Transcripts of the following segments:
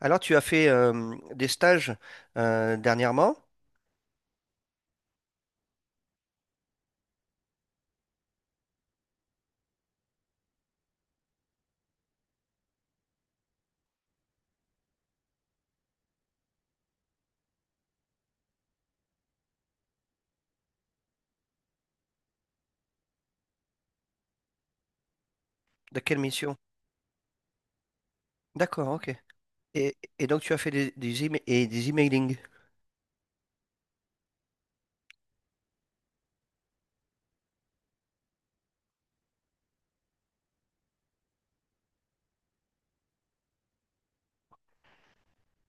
Alors, tu as fait des stages dernièrement? De quelle mission? D'accord, ok. Et, donc, tu as fait et des emailing.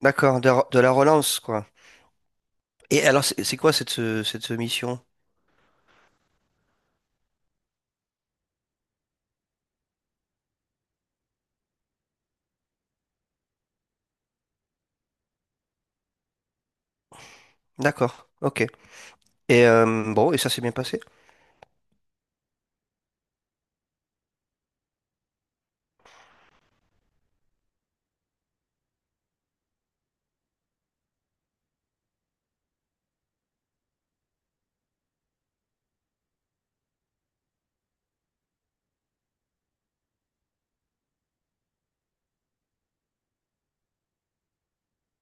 D'accord, de la relance, quoi. Et alors, c'est quoi cette mission? D'accord, ok. Et bon, et ça s'est bien passé?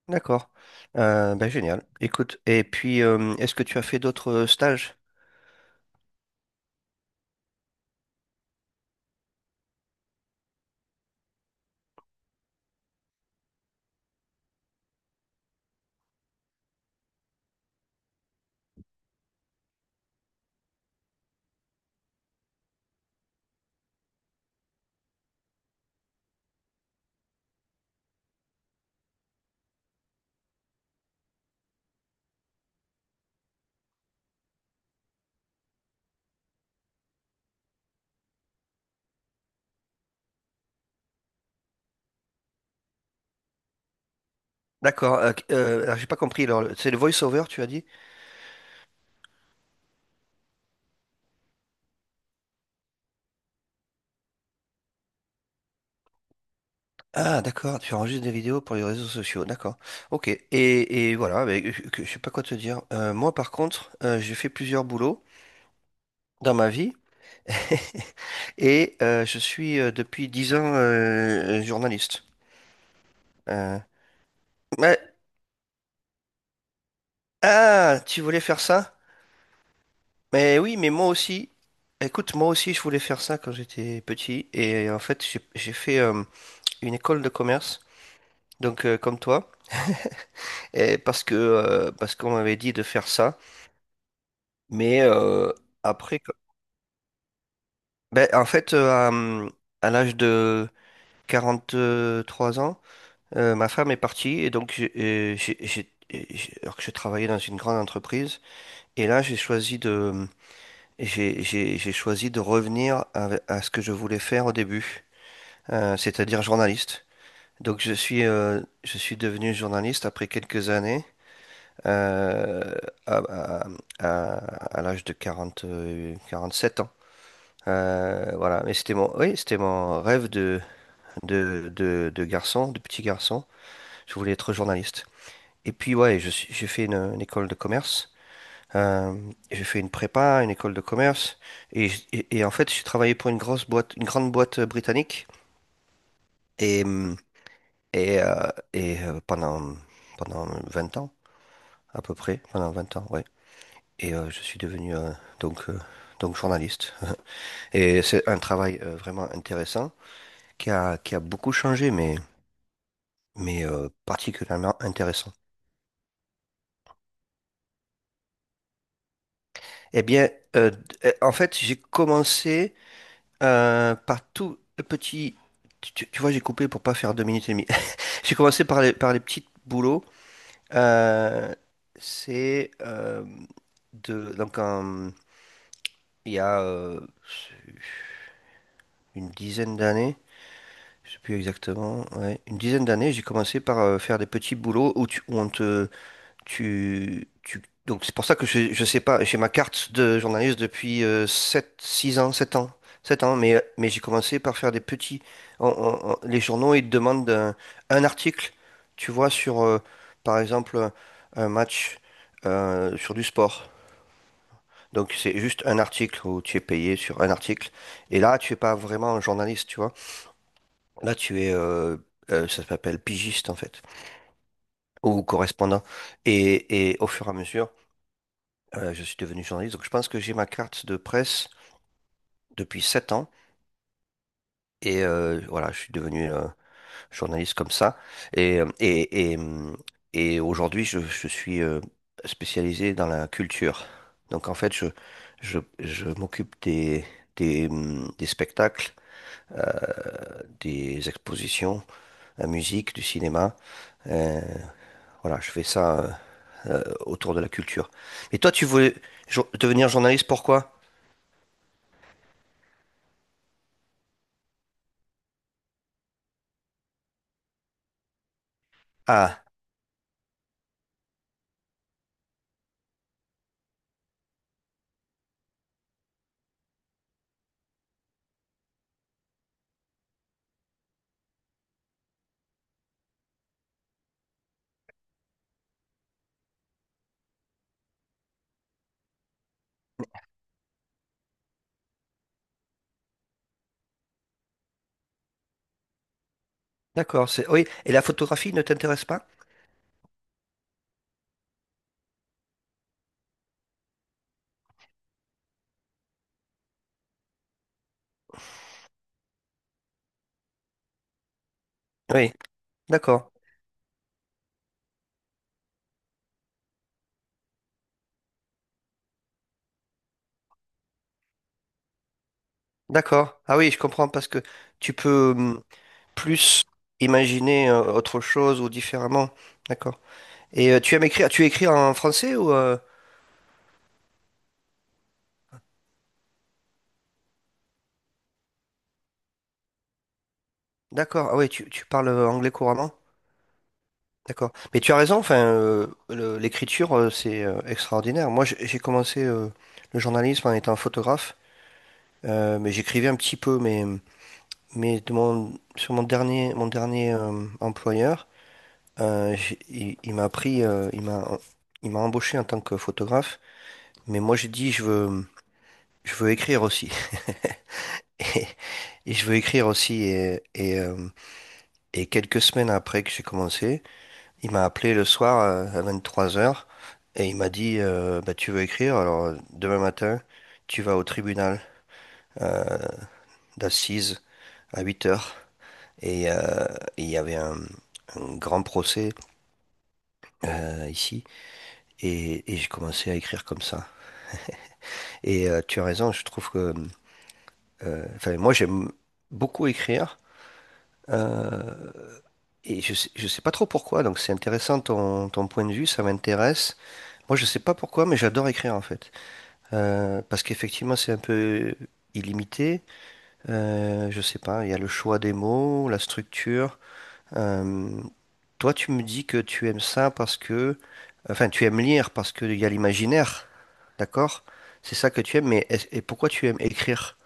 D'accord. Ben, génial. Écoute, et puis, est-ce que tu as fait d'autres stages? D'accord. Alors, j'ai pas compris. Alors, c'est le voice-over, tu as dit? Ah, d'accord, tu enregistres des vidéos pour les réseaux sociaux, d'accord. Ok, et voilà, mais, je sais pas quoi te dire. Moi, par contre, j'ai fait plusieurs boulots dans ma vie et je suis depuis 10 ans journaliste. Euh, mais- ah, tu voulais faire ça? Mais oui, mais moi aussi. Écoute, moi aussi, je voulais faire ça quand j'étais petit et en fait, j'ai fait une école de commerce, donc comme toi, et parce que parce qu'on m'avait dit de faire ça. Mais après, co- ben, en fait, à l'âge de 43 ans, ma femme est partie et j'ai- alors que je travaillais dans une grande entreprise, et là j'ai choisi j'ai choisi de revenir à ce que je voulais faire au début, c'est-à-dire journaliste. Donc je suis devenu journaliste après quelques années. euh, à, à- à- à l'âge de 47 ans. Voilà, mais c'était mon, oui, c'était mon rêve de, de garçon, de petit garçon. Je voulais être journaliste. Et puis, ouais, j'ai fait une école de commerce. Euh, j'ai fait une prépa, une école de commerce. Et, et en fait, j'ai travaillé pour une grosse boîte, une grande boîte britannique. Et, et, euh, et euh, pendant, pendant 20 ans, à peu près, pendant 20 ans, ouais. Et je suis devenu donc, euh, donc journaliste. Et c'est un travail vraiment intéressant qui a beaucoup changé, mais particulièrement intéressant. Eh bien, euh, d- en fait, j'ai commencé par tout le petit. Tu, tu vois, j'ai coupé pour pas faire 2 minutes et demie. J'ai commencé par les petits boulots. Euh, c'est de donc un- il y a une dizaine d'années. Je sais plus exactement. Ouais, une dizaine d'années, j'ai commencé par faire des petits boulots où on te Donc c'est pour ça que je sais pas, j'ai ma carte de journaliste depuis 7, 6 ans, 7 ans, 7 ans, mais j'ai commencé par faire des petits... les journaux, ils te demandent un article, tu vois, sur, par exemple, un match sur du sport. Donc c'est juste un article où tu es payé sur un article. Et là, tu es pas vraiment un journaliste, tu vois. Là, ça s'appelle pigiste, en fait, ou correspondant. Et au fur et à mesure... Je suis devenu journaliste, donc je pense que j'ai ma carte de presse depuis 7 ans. Et voilà, je suis devenu journaliste comme ça. Et, et aujourd'hui, je suis spécialisé dans la culture. Donc en fait, je m'occupe des, des spectacles, des expositions, la musique, du cinéma. Euh, voilà, je fais ça autour de la culture. Et toi, tu voulais devenir journaliste, pourquoi? Ah, d'accord, c'est oui. Et la photographie ne t'intéresse pas? Oui, d'accord, d'accord. Ah oui, je comprends parce que tu peux plus imaginer autre chose ou différemment. D'accord. Et tu aimes écrire, tu écris en français ou? D'accord. Ah oui, tu parles anglais couramment. D'accord. Mais tu as raison. Enfin, l'écriture, c'est extraordinaire. Moi, j'ai commencé le journalisme en étant photographe, mais j'écrivais un petit peu. Mais sur mon dernier employeur. Il m'a pris, il m'a embauché en tant que photographe, mais moi j'ai dit je veux écrire aussi. Et, et je veux écrire aussi. Et, et quelques semaines après que j'ai commencé, il m'a appelé le soir à 23 heures et il m'a dit bah, tu veux écrire, alors demain matin tu vas au tribunal euh, d'assises à 8 heures. Et il y avait un grand procès ici et j'ai commencé à écrire comme ça. Et tu as raison, je trouve que... Enfin, moi, j'aime beaucoup écrire. euh, et je sais pas trop pourquoi, donc c'est intéressant ton point de vue, ça m'intéresse. Moi, je sais pas pourquoi, mais j'adore écrire en fait. Parce qu'effectivement, c'est un peu illimité. Je sais pas, il y a le choix des mots, la structure. Euh, Toi, tu me dis que tu aimes ça parce que... Enfin, tu aimes lire parce qu'il y a l'imaginaire, d'accord? C'est ça que tu aimes, mais et pourquoi tu aimes écrire?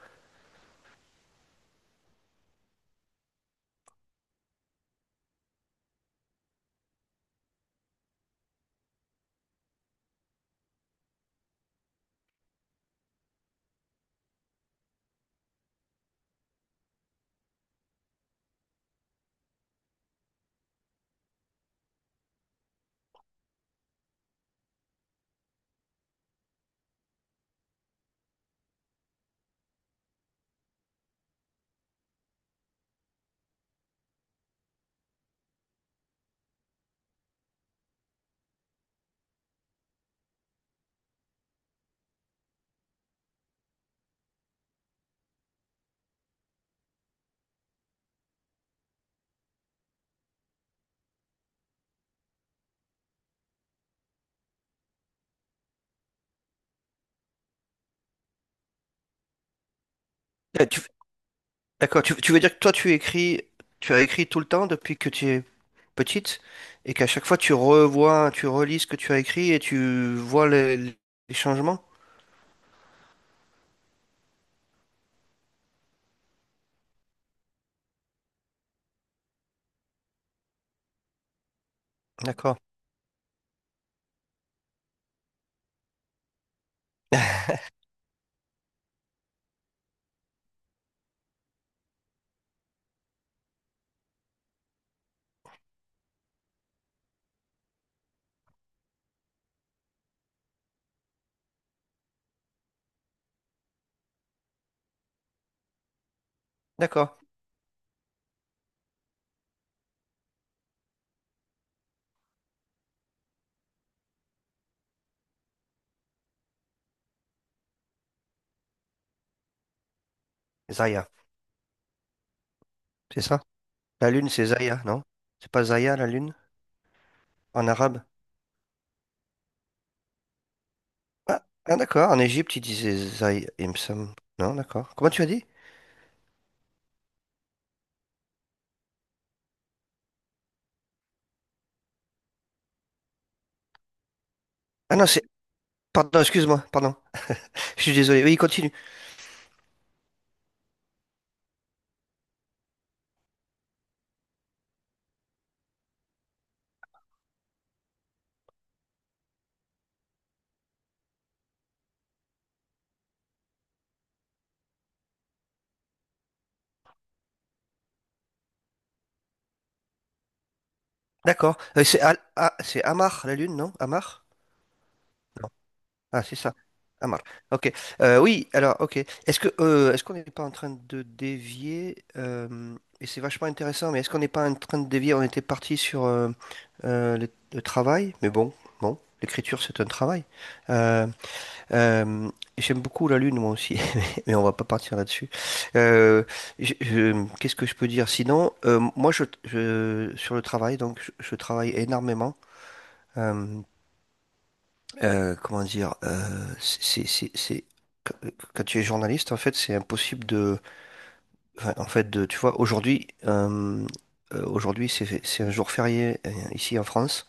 Euh, Tu, D'accord, tu veux dire que toi tu écris, tu as écrit tout le temps depuis que tu es petite et qu'à chaque fois tu revois, tu relis ce que tu as écrit et tu vois les changements? D'accord, d'accord. Zaya, c'est ça? La lune c'est Zaya, non? C'est pas Zaya la lune en arabe? Ah, ah, d'accord, en Égypte ils disaient Zaya, il me semble. Non, d'accord. Comment tu as dit? Ah non, c'est... Pardon, excuse-moi, pardon. Je suis désolé. Oui, continue. D'accord. Ah, c'est Amar la lune, non? Amar? Ah, c'est ça. Amar. Ok. Oui, alors, ok. Est-ce que est-ce qu'on n'est pas en train de dévier et c'est vachement intéressant, mais est-ce qu'on n'est pas en train de dévier? On était parti sur le travail, mais bon, bon, l'écriture c'est un travail. Euh, euh, J'aime beaucoup la lune moi aussi, mais on va pas partir là-dessus. Euh, Qu'est-ce que je peux dire? Sinon, moi sur le travail, donc je travaille énormément. Euh, euh, comment dire, euh, c'est, quand tu es journaliste, en fait, c'est impossible de, enfin, en fait, de, tu vois, aujourd'hui, aujourd'hui, c'est un jour férié ici en France,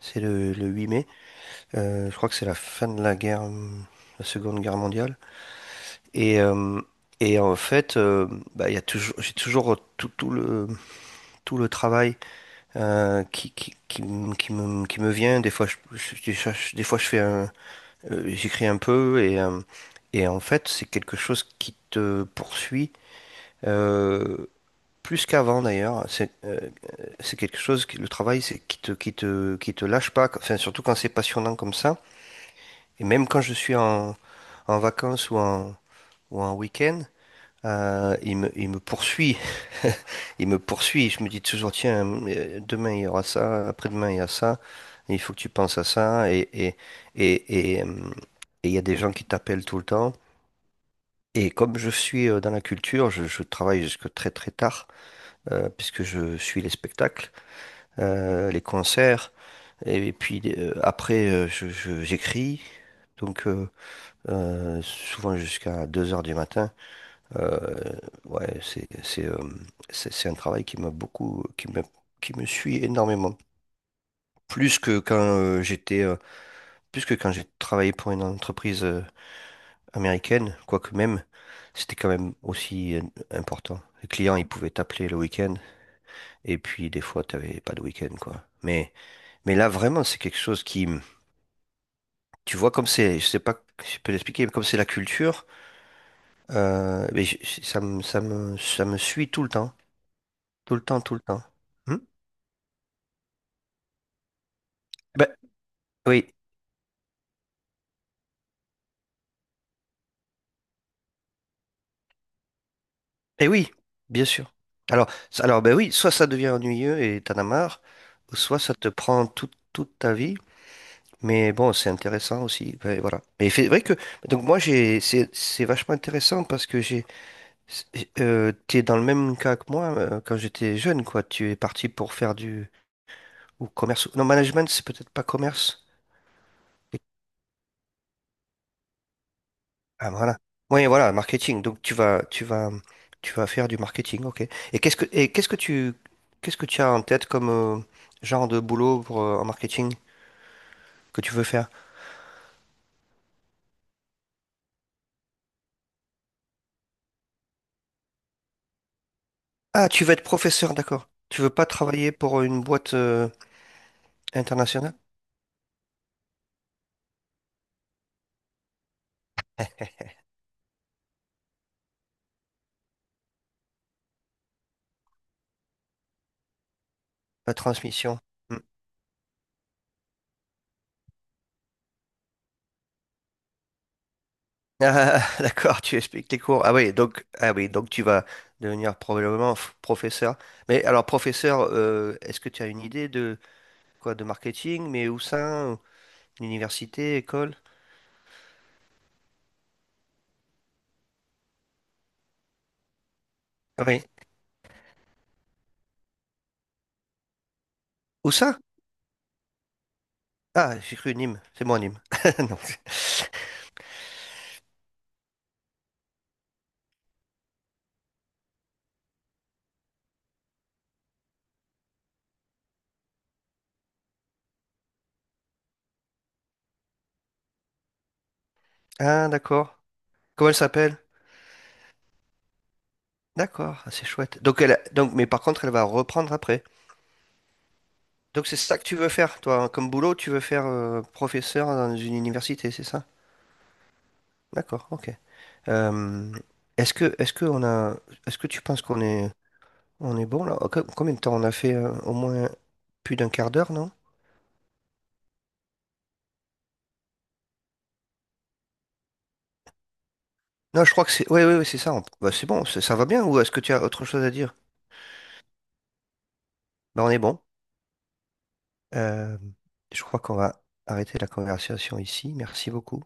c'est le 8 mai. Je crois que c'est la fin de la guerre, la Seconde Guerre mondiale, et, et en fait, euh, bah, il y a toujours, j'ai toujours tout, tout le travail qui me vient. Des fois, je, des fois, je des fois, je fais un, j'écris un peu et en fait, c'est quelque chose qui te poursuit euh, plus qu'avant d'ailleurs. C'est quelque chose qui, le travail, c'est qui te lâche pas. Enfin, surtout quand c'est passionnant comme ça. Et même quand je suis en vacances ou en week-end, il me poursuit. Il me poursuit. Je me dis toujours, tiens, demain il y aura ça, après-demain il y a ça. Il faut que tu penses à ça. Et, et, euh, et il y a des gens qui t'appellent tout le temps. Et comme je suis dans la culture, je travaille jusque très très tard, puisque je suis les spectacles, les concerts, et, puis j'écris, donc souvent jusqu'à 2 heures du matin. Euh, ouais, c'est, c'est un travail qui m'a beaucoup, qui me suit énormément. Plus que quand plus que quand j'ai travaillé pour une entreprise américaine, quoique même, c'était quand même aussi important. Les clients, ils pouvaient t'appeler le week-end, et puis des fois, t'avais pas de week-end, quoi. Mais là, vraiment, c'est quelque chose qui, tu vois, comme c'est, je sais pas si je peux l'expliquer, mais comme c'est la culture, ça me, ça me suit tout le temps, tout le temps, tout le temps. Hmm. Ben, oui, et oui, bien sûr. Alors, ben oui, soit ça devient ennuyeux et t'en as marre, ou soit ça te prend toute toute ta vie. Mais bon, c'est intéressant aussi. Ouais, voilà. Mais c'est vrai que donc moi j'ai c'est vachement intéressant parce que j'ai, t'es dans le même cas que moi quand j'étais jeune quoi. Tu es parti pour faire du ou commerce. Non, management c'est peut-être pas commerce. Et- Ah voilà. Oui, voilà, marketing. Donc tu vas faire du marketing, ok. Et qu'est-ce que tu as en tête comme genre de boulot pour, en marketing que tu veux faire? Ah, tu veux être professeur, d'accord. Tu veux pas travailler pour une boîte internationale? La transmission. Hmm. Ah, d'accord, tu expliques tes cours. Ah oui, donc tu vas devenir probablement professeur. Mais alors, professeur, est-ce que tu as une idée de quoi, de marketing, mais où ça? Ou- Université, école? Ah oui. Où ça? Ah, j'ai cru Nîmes. C'est moi Nîmes. Non. Ah, d'accord. Comment elle s'appelle? D'accord, ah, c'est chouette. Donc, donc, mais par contre, elle va reprendre après. Donc, c'est ça que tu veux faire, toi, hein, comme boulot, tu veux faire professeur dans une université, c'est ça? D'accord, ok. Euh, Est-ce que on a, est-ce que tu penses qu'on est, on est bon là? Combien de temps on a fait au moins plus d'un quart d'heure, non? Non, je crois que c'est, ouais, ouais, ouais, c'est ça. Bah, c'est bon, ça va bien. Ou est-ce que tu as autre chose à dire? Bah, on est bon. Euh, je crois qu'on va arrêter la conversation ici. Merci beaucoup.